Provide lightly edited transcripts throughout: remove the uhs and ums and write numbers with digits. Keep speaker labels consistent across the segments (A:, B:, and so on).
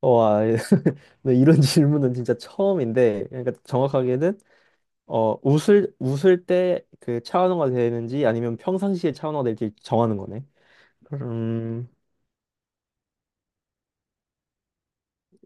A: 와, 네, 이런 질문은 진짜 처음인데. 그러니까 정확하게는, 웃을 때 그 차원화가 되는지 아니면 평상시에 차원화가 될지 정하는 거네. 음,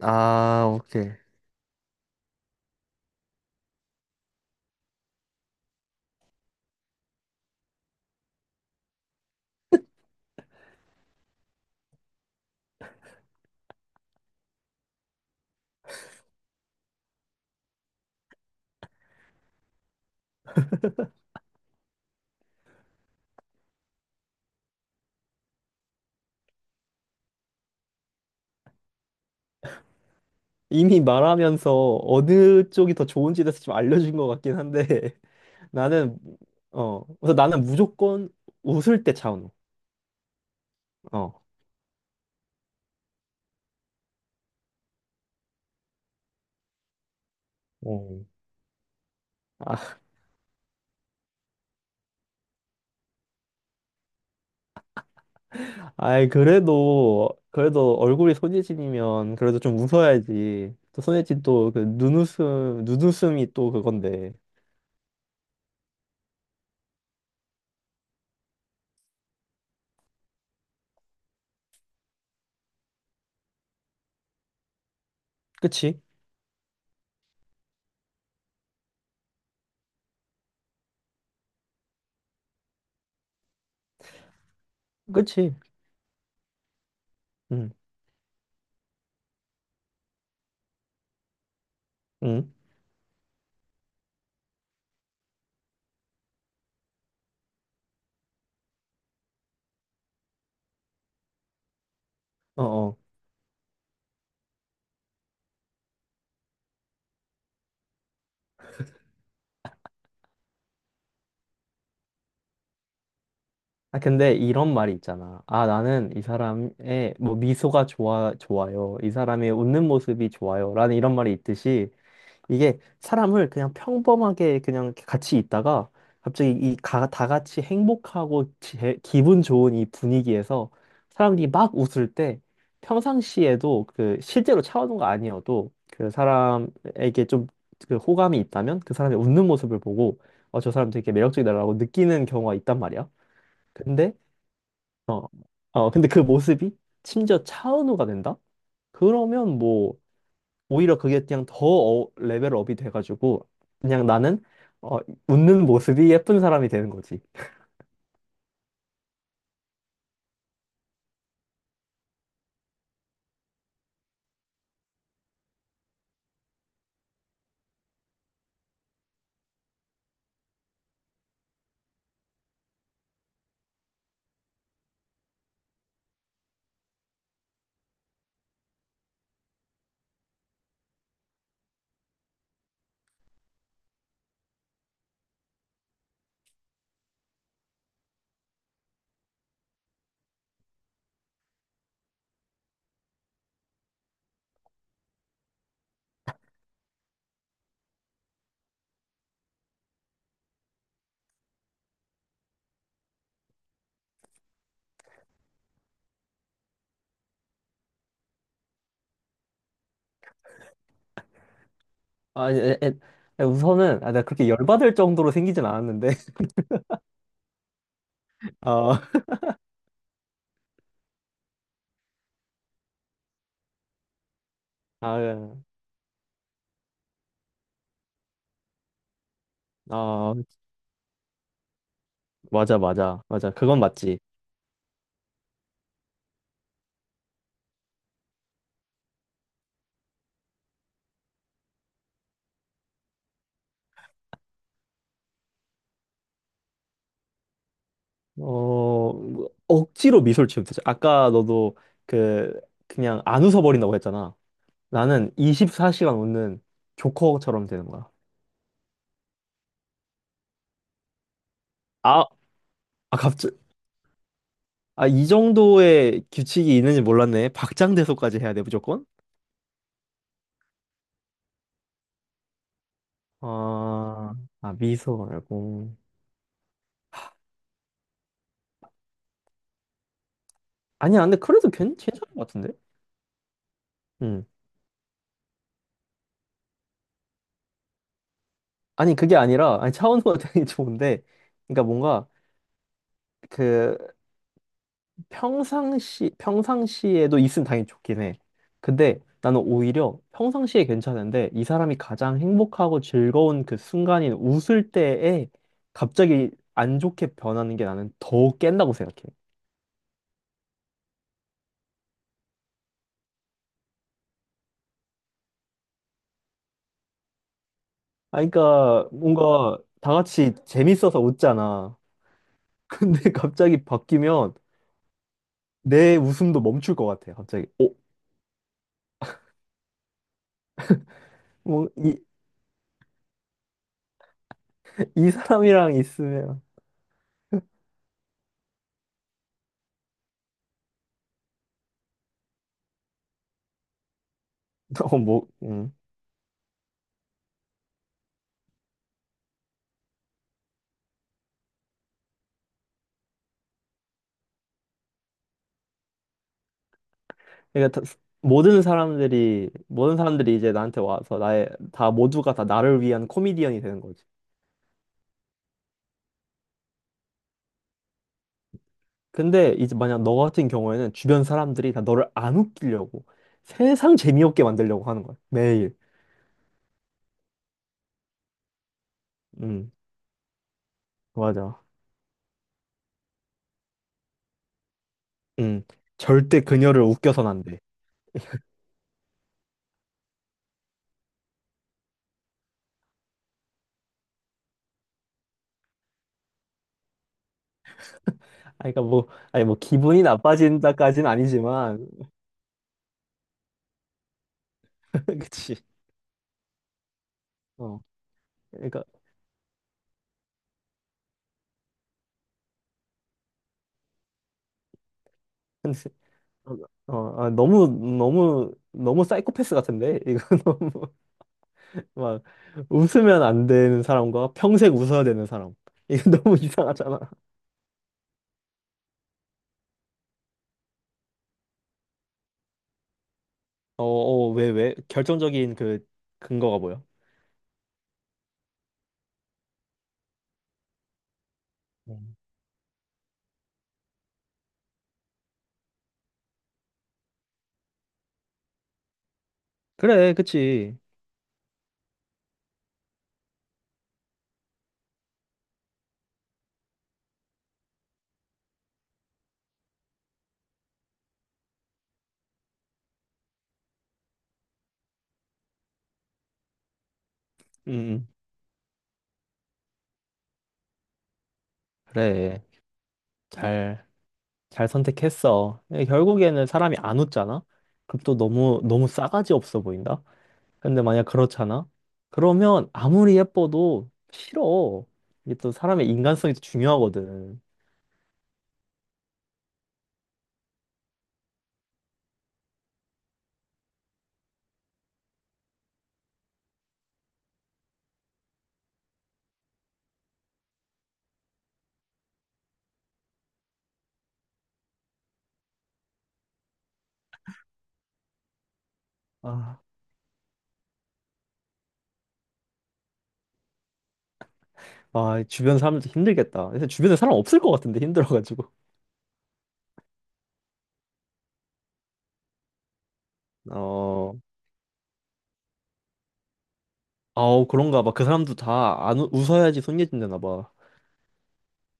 A: 아, 오케이. 이미 말하면서 어느 쪽이 더 좋은지에 대해서 좀 알려준 것 같긴 한데, 나는, 그래서 나는 무조건 웃을 때 차원호. 어. 어. 아이, 그래도 얼굴이 손예진이면 그래도 좀 웃어야지. 또 손예진 또 그 눈웃음이 또 그건데. 그치? 그치? 응, 응, 어어. 아, 근데 이런 말이 있잖아. 아, 나는 이 사람의 뭐 미소가 좋아요. 이 사람의 웃는 모습이 좋아요, 라는 이런 말이 있듯이 이게 사람을 그냥 평범하게 그냥 이렇게 같이 있다가 갑자기 다 같이 행복하고 기분 좋은 이 분위기에서 사람들이 막 웃을 때, 평상시에도 그 실제로 차오는 거 아니어도 그 사람에게 좀 그 호감이 있다면 그 사람이 웃는 모습을 보고, 어, 저 사람 되게 매력적이다라고 느끼는 경우가 있단 말이야. 근데 어, 근데 그 모습이 심지어 차은우가 된다? 그러면 뭐 오히려 그게 그냥 더 레벨업이 돼가지고 그냥 나는, 어, 웃는 모습이 예쁜 사람이 되는 거지. 아, 우선은 아, 가 그렇게 열받을 정도로 생기진 않았는데. 아, 아, 아, 맞아, 맞아, 맞아. 그건 맞지. 뭐, 억지로 미소를 지으면 되지. 아까 너도 그 그냥 안 웃어버린다고 했잖아. 나는 24시간 웃는 조커처럼 되는 거야. 아, 아, 갑자 이 정도의 규칙이 있는지 몰랐네. 박장대소까지 해야 돼, 무조건? 아, 아, 미소 말고. 아니야, 근데 그래도 괜찮은 것 같은데? 음. 아니, 그게 아니라, 아니, 차원호가 되게 좋은데, 그러니까 뭔가, 그, 평상시에도 있으면 당연히 좋긴 해. 근데 나는 오히려 평상시에 괜찮은데, 이 사람이 가장 행복하고 즐거운 그 순간인 웃을 때에 갑자기 안 좋게 변하는 게 나는 더 깬다고 생각해. 아, 그러니까 뭔가 다 같이 재밌어서 웃잖아. 근데 갑자기 바뀌면 내 웃음도 멈출 것 같아. 갑자기. 어? 뭐, 이 사람이랑 있으면. 어, 뭐, 그러니까 모든 사람들이 이제 나한테 와서 다 모두가 다 나를 위한 코미디언이 되는 거지. 근데 이제 만약 너 같은 경우에는 주변 사람들이 다 너를 안 웃기려고 세상 재미없게 만들려고 하는 거야. 매일. 음, 맞아. 음, 절대 그녀를 웃겨선 안 돼. 아니, 그러니까 뭐, 아니, 뭐, 기분이 나빠진다까지는 아니지만, 그치. 어, 그러니까, 근데, 아, 너무, 너무, 너무 사이코패스 같은데? 이거 너무, 막, 웃으면 안 되는 사람과 평생 웃어야 되는 사람. 이거 너무 이상하잖아. 왜, 왜? 결정적인 근거가 뭐야? 음. 그래, 그치. 음, 음. 그래. 잘, 잘 선택했어. 근데 결국에는 사람이 안 웃잖아? 그럼 또 너무, 너무 싸가지 없어 보인다? 근데 만약 그렇잖아? 그러면 아무리 예뻐도 싫어. 이게 또 사람의 인간성이 또 중요하거든. 아, 아, 주변 사람들도 힘들겠다. 근데 주변에 사람 없을 것 같은데, 힘들어가지고. 어, 아우, 그런가 봐. 그 사람도 다 안, 웃어야지 손예진되나 봐.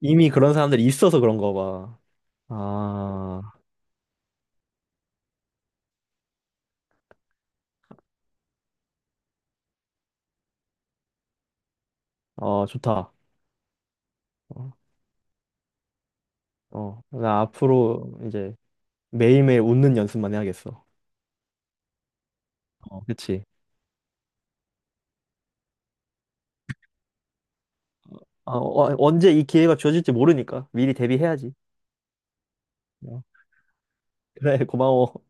A: 이미 그런 사람들이 있어서 그런가 봐. 아, 어, 좋다. 어, 어. 나 앞으로 이제 매일매일 웃는 연습만 해야겠어. 어, 그치. 어, 어, 언제 이 기회가 주어질지 모르니까 미리 대비해야지. 어. 그래, 고마워.